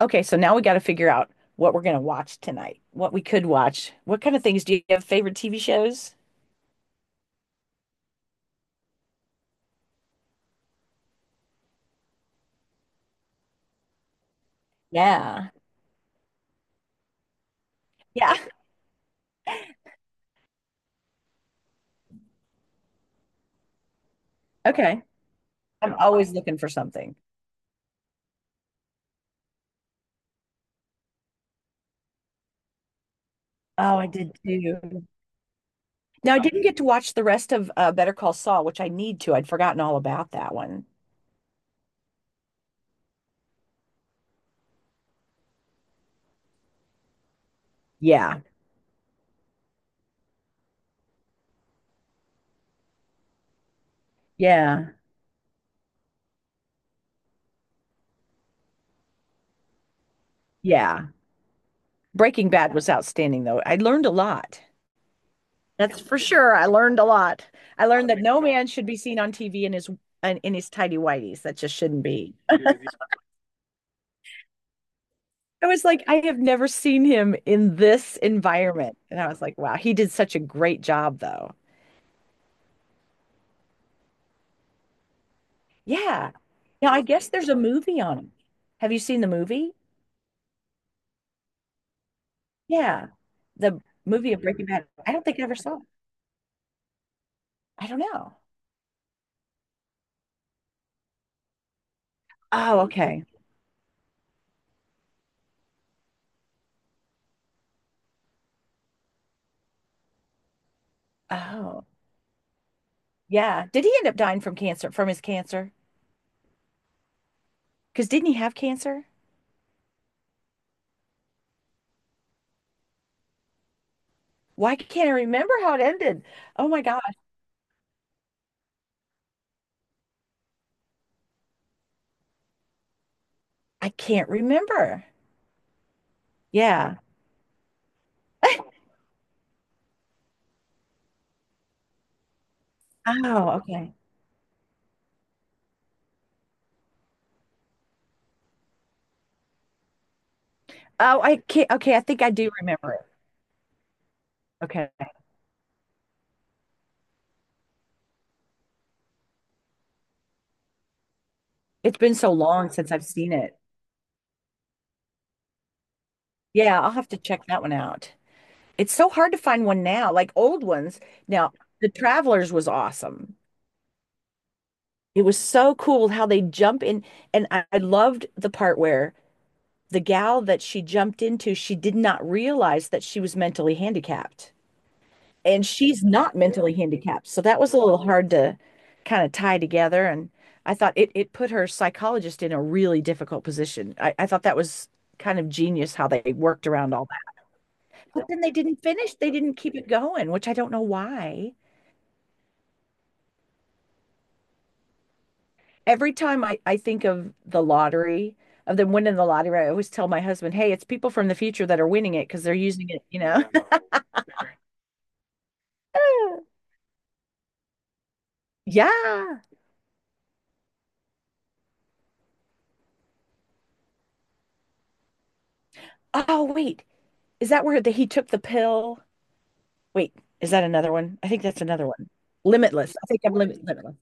Okay, so now we got to figure out what we're going to watch tonight, what we could watch. What kind of things do you have favorite TV shows? Yeah. Yeah. Okay. I'm always looking for something. Oh, I did too. Now, I didn't get to watch the rest of Better Call Saul, which I need to. I'd forgotten all about that one. Yeah. Yeah. Yeah. Breaking Bad was outstanding, though. I learned a lot. That's for sure. I learned a lot. I learned that no man should be seen on TV in his in his tidy whities. That just shouldn't be. I was like, I have never seen him in this environment. And I was like, wow, he did such a great job, though. Yeah. Now, I guess there's a movie on him. Have you seen the movie? Yeah. The movie of Breaking Bad. I don't think I ever saw it. I don't know. Oh, okay. Oh, yeah. Did he end up dying from cancer, from his cancer? Because didn't he have cancer? Why can't I remember how it ended? Oh my gosh. I can't remember. Yeah. Oh, okay. Oh, I can't. Okay. I think I do remember it. Okay. It's been so long since I've seen it. Yeah, I'll have to check that one out. It's so hard to find one now, like old ones. Now, The Travelers was awesome. It was so cool how they jump in. And I loved the part where the gal that she jumped into, she did not realize that she was mentally handicapped. And she's not mentally handicapped. So that was a little hard to kind of tie together. And I thought it put her psychologist in a really difficult position. I thought that was kind of genius how they worked around all. But then they didn't finish, they didn't keep it going, which I don't know why. Every time I think of the lottery, of them winning the lottery, I always tell my husband, hey, it's people from the future that are winning it because they're using it, Yeah. Oh, wait. Is that where the, he took the pill? Wait, is that another one? I think that's another one. Limitless. I think I'm limitless.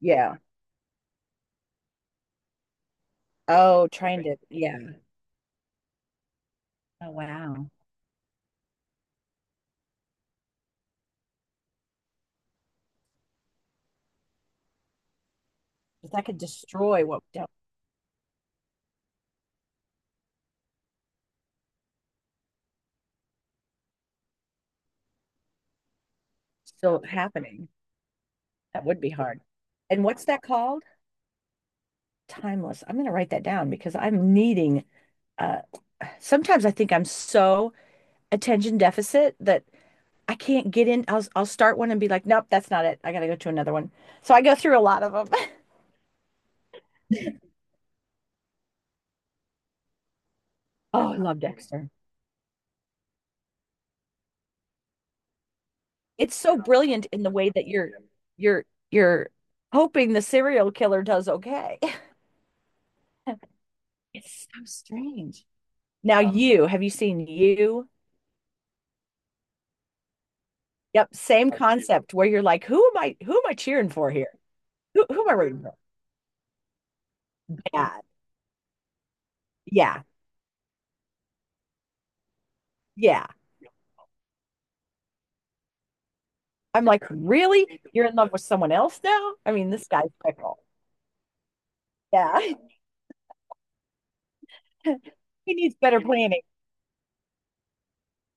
Yeah. Oh, trying to, yeah. Oh, wow. If that could destroy what's still happening, that would be hard. And what's that called? Timeless. I'm going to write that down because I'm needing uh sometimes I think I'm so attention deficit that I can't get in. I'll start one and be like, "Nope, that's not it. I got to go to another one." So I go through a lot of them. Oh, I love Dexter. It's so brilliant in the way that you're you're hoping the serial killer does okay. It's so strange. Now you, have you seen you? Yep, same concept where you're like, "Who am I, cheering for here? Who am I rooting for?" Yeah. Yeah. Yeah. I'm like, really? You're in love with someone else now? I mean, this guy's fickle. Yeah. He needs better planning.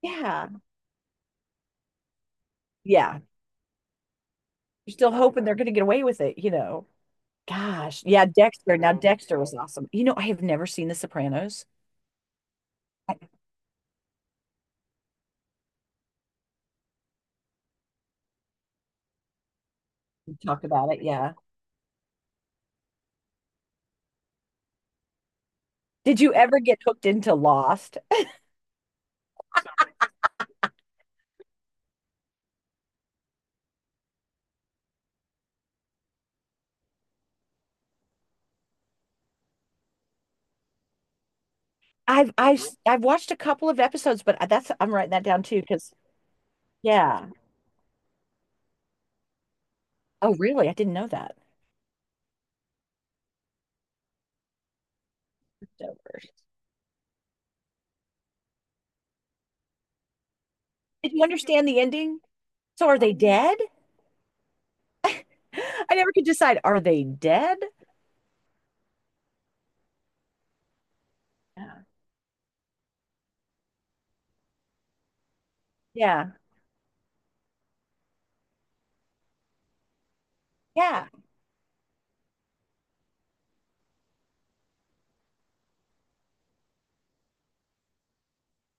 Yeah. Yeah. You're still hoping they're going to get away with it, Gosh. Yeah. Dexter. Now, Dexter was awesome. You know, I have never seen The Sopranos. Talk about it. Yeah. Did you ever get hooked into Lost? I've watched a couple of episodes, but that's I'm writing that down too because yeah. Oh, really? I didn't know that. So, did you understand the ending? So are they dead? I never could decide. Are they dead? Yeah. Yeah. Yeah.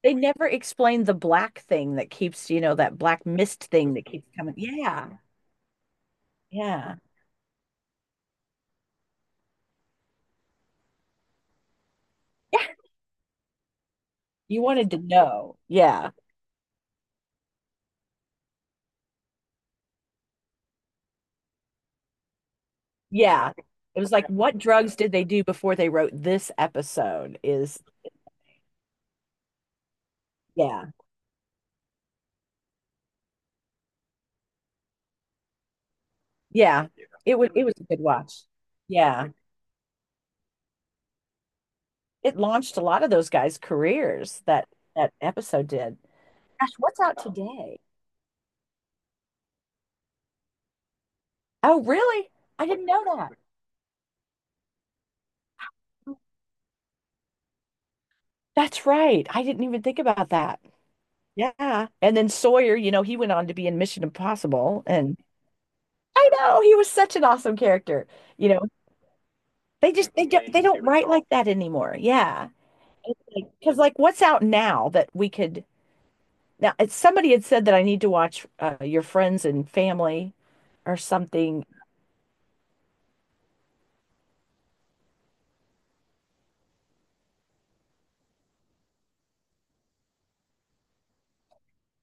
They never explain the black thing that keeps, that black mist thing that keeps coming. Yeah. Yeah. Yeah. You wanted to know. Yeah. Yeah. It was like, what drugs did they do before they wrote this episode? Is yeah. Yeah. It was a good watch. Yeah. It launched a lot of those guys' careers that that episode did. Gosh, what's out today? Oh, really? I didn't know that. That's right. I didn't even think about that. Yeah. And then Sawyer, you know, he went on to be in Mission Impossible. And I know he was such an awesome character. You know, they just they don't they Amazing don't write dog. Like superhero. That anymore. Yeah. Because like what's out now that we could now it's, somebody had said that I need to watch Your Friends and Family or something.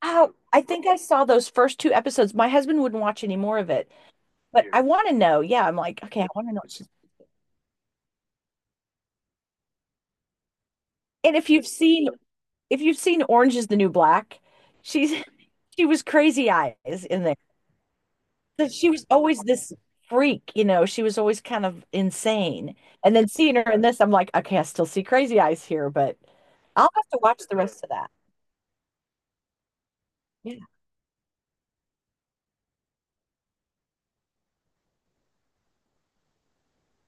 Oh, I think I saw those first two episodes. My husband wouldn't watch any more of it, but I want to know. Yeah, I'm like, okay, I want to know. What she's- And if you've seen Orange is the New Black, she's she was crazy eyes in there. So she was always this freak, you know, she was always kind of insane. And then seeing her in this, I'm like, okay, I still see crazy eyes here, but I'll have to watch the rest of that. Yeah.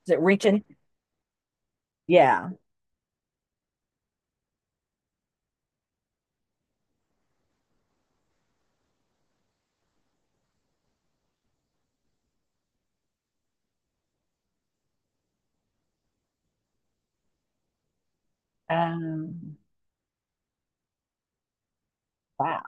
Is it reaching? Yeah. Um, wow.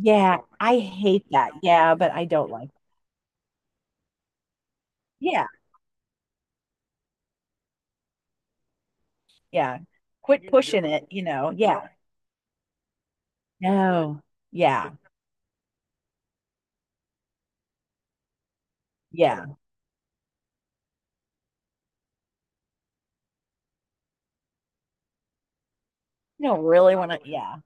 Yeah, I hate that. Yeah, but I don't like it. Yeah, yeah. Quit pushing it, Yeah. No. Yeah. Yeah. You don't really want to. Yeah.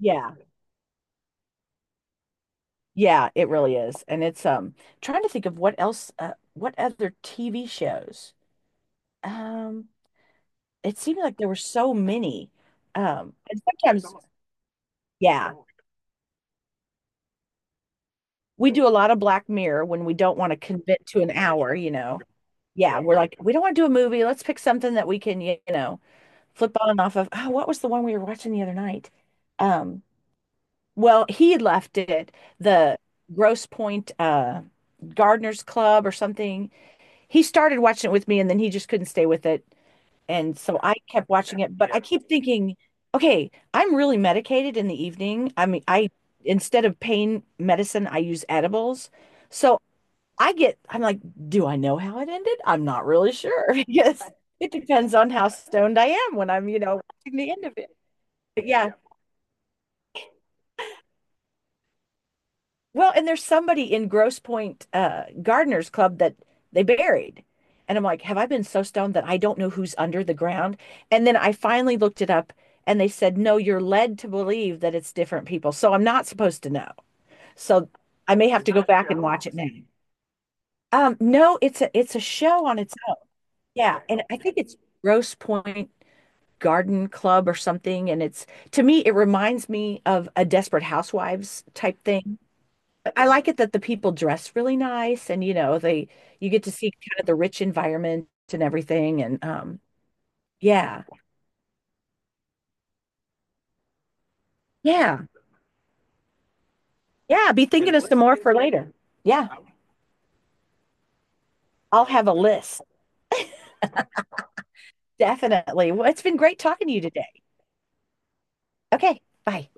Yeah. Yeah, it really is. And it's trying to think of what else what other TV shows. Um it seemed like there were so many. And sometimes yeah, we do a lot of Black Mirror when we don't want to commit to an hour, Yeah, we're like we don't want to do a movie. Let's pick something that we can, flip on and off of. Oh, what was the one we were watching the other night? Um well, he had left it the Gross Point Gardener's Club or something. He started watching it with me and then he just couldn't stay with it. And so I kept watching it, but I keep thinking, okay, I'm really medicated in the evening. I mean, I instead of pain medicine, I use edibles. So I get, I'm like, do I know how it ended? I'm not really sure. Yes, it depends on how stoned I am when I'm, watching the end of it. But yeah, well, and there's somebody in Grosse Pointe Gardeners Club that they buried. And I'm like, have I been so stoned that I don't know who's under the ground? And then I finally looked it up and they said, no, you're led to believe that it's different people. So I'm not supposed to know. So I may have to go back and watch it now. No, it's a show on its own. Yeah. And I think it's Grosse Pointe Garden Club or something. And it's to me, it reminds me of a Desperate Housewives type thing. I like it that the people dress really nice and you know they you get to see kind of the rich environment and everything and. Yeah. Yeah. Yeah, be thinking of some more for later. Yeah, I'll have a list. Definitely. Well, it's been great talking to you today. Okay, bye.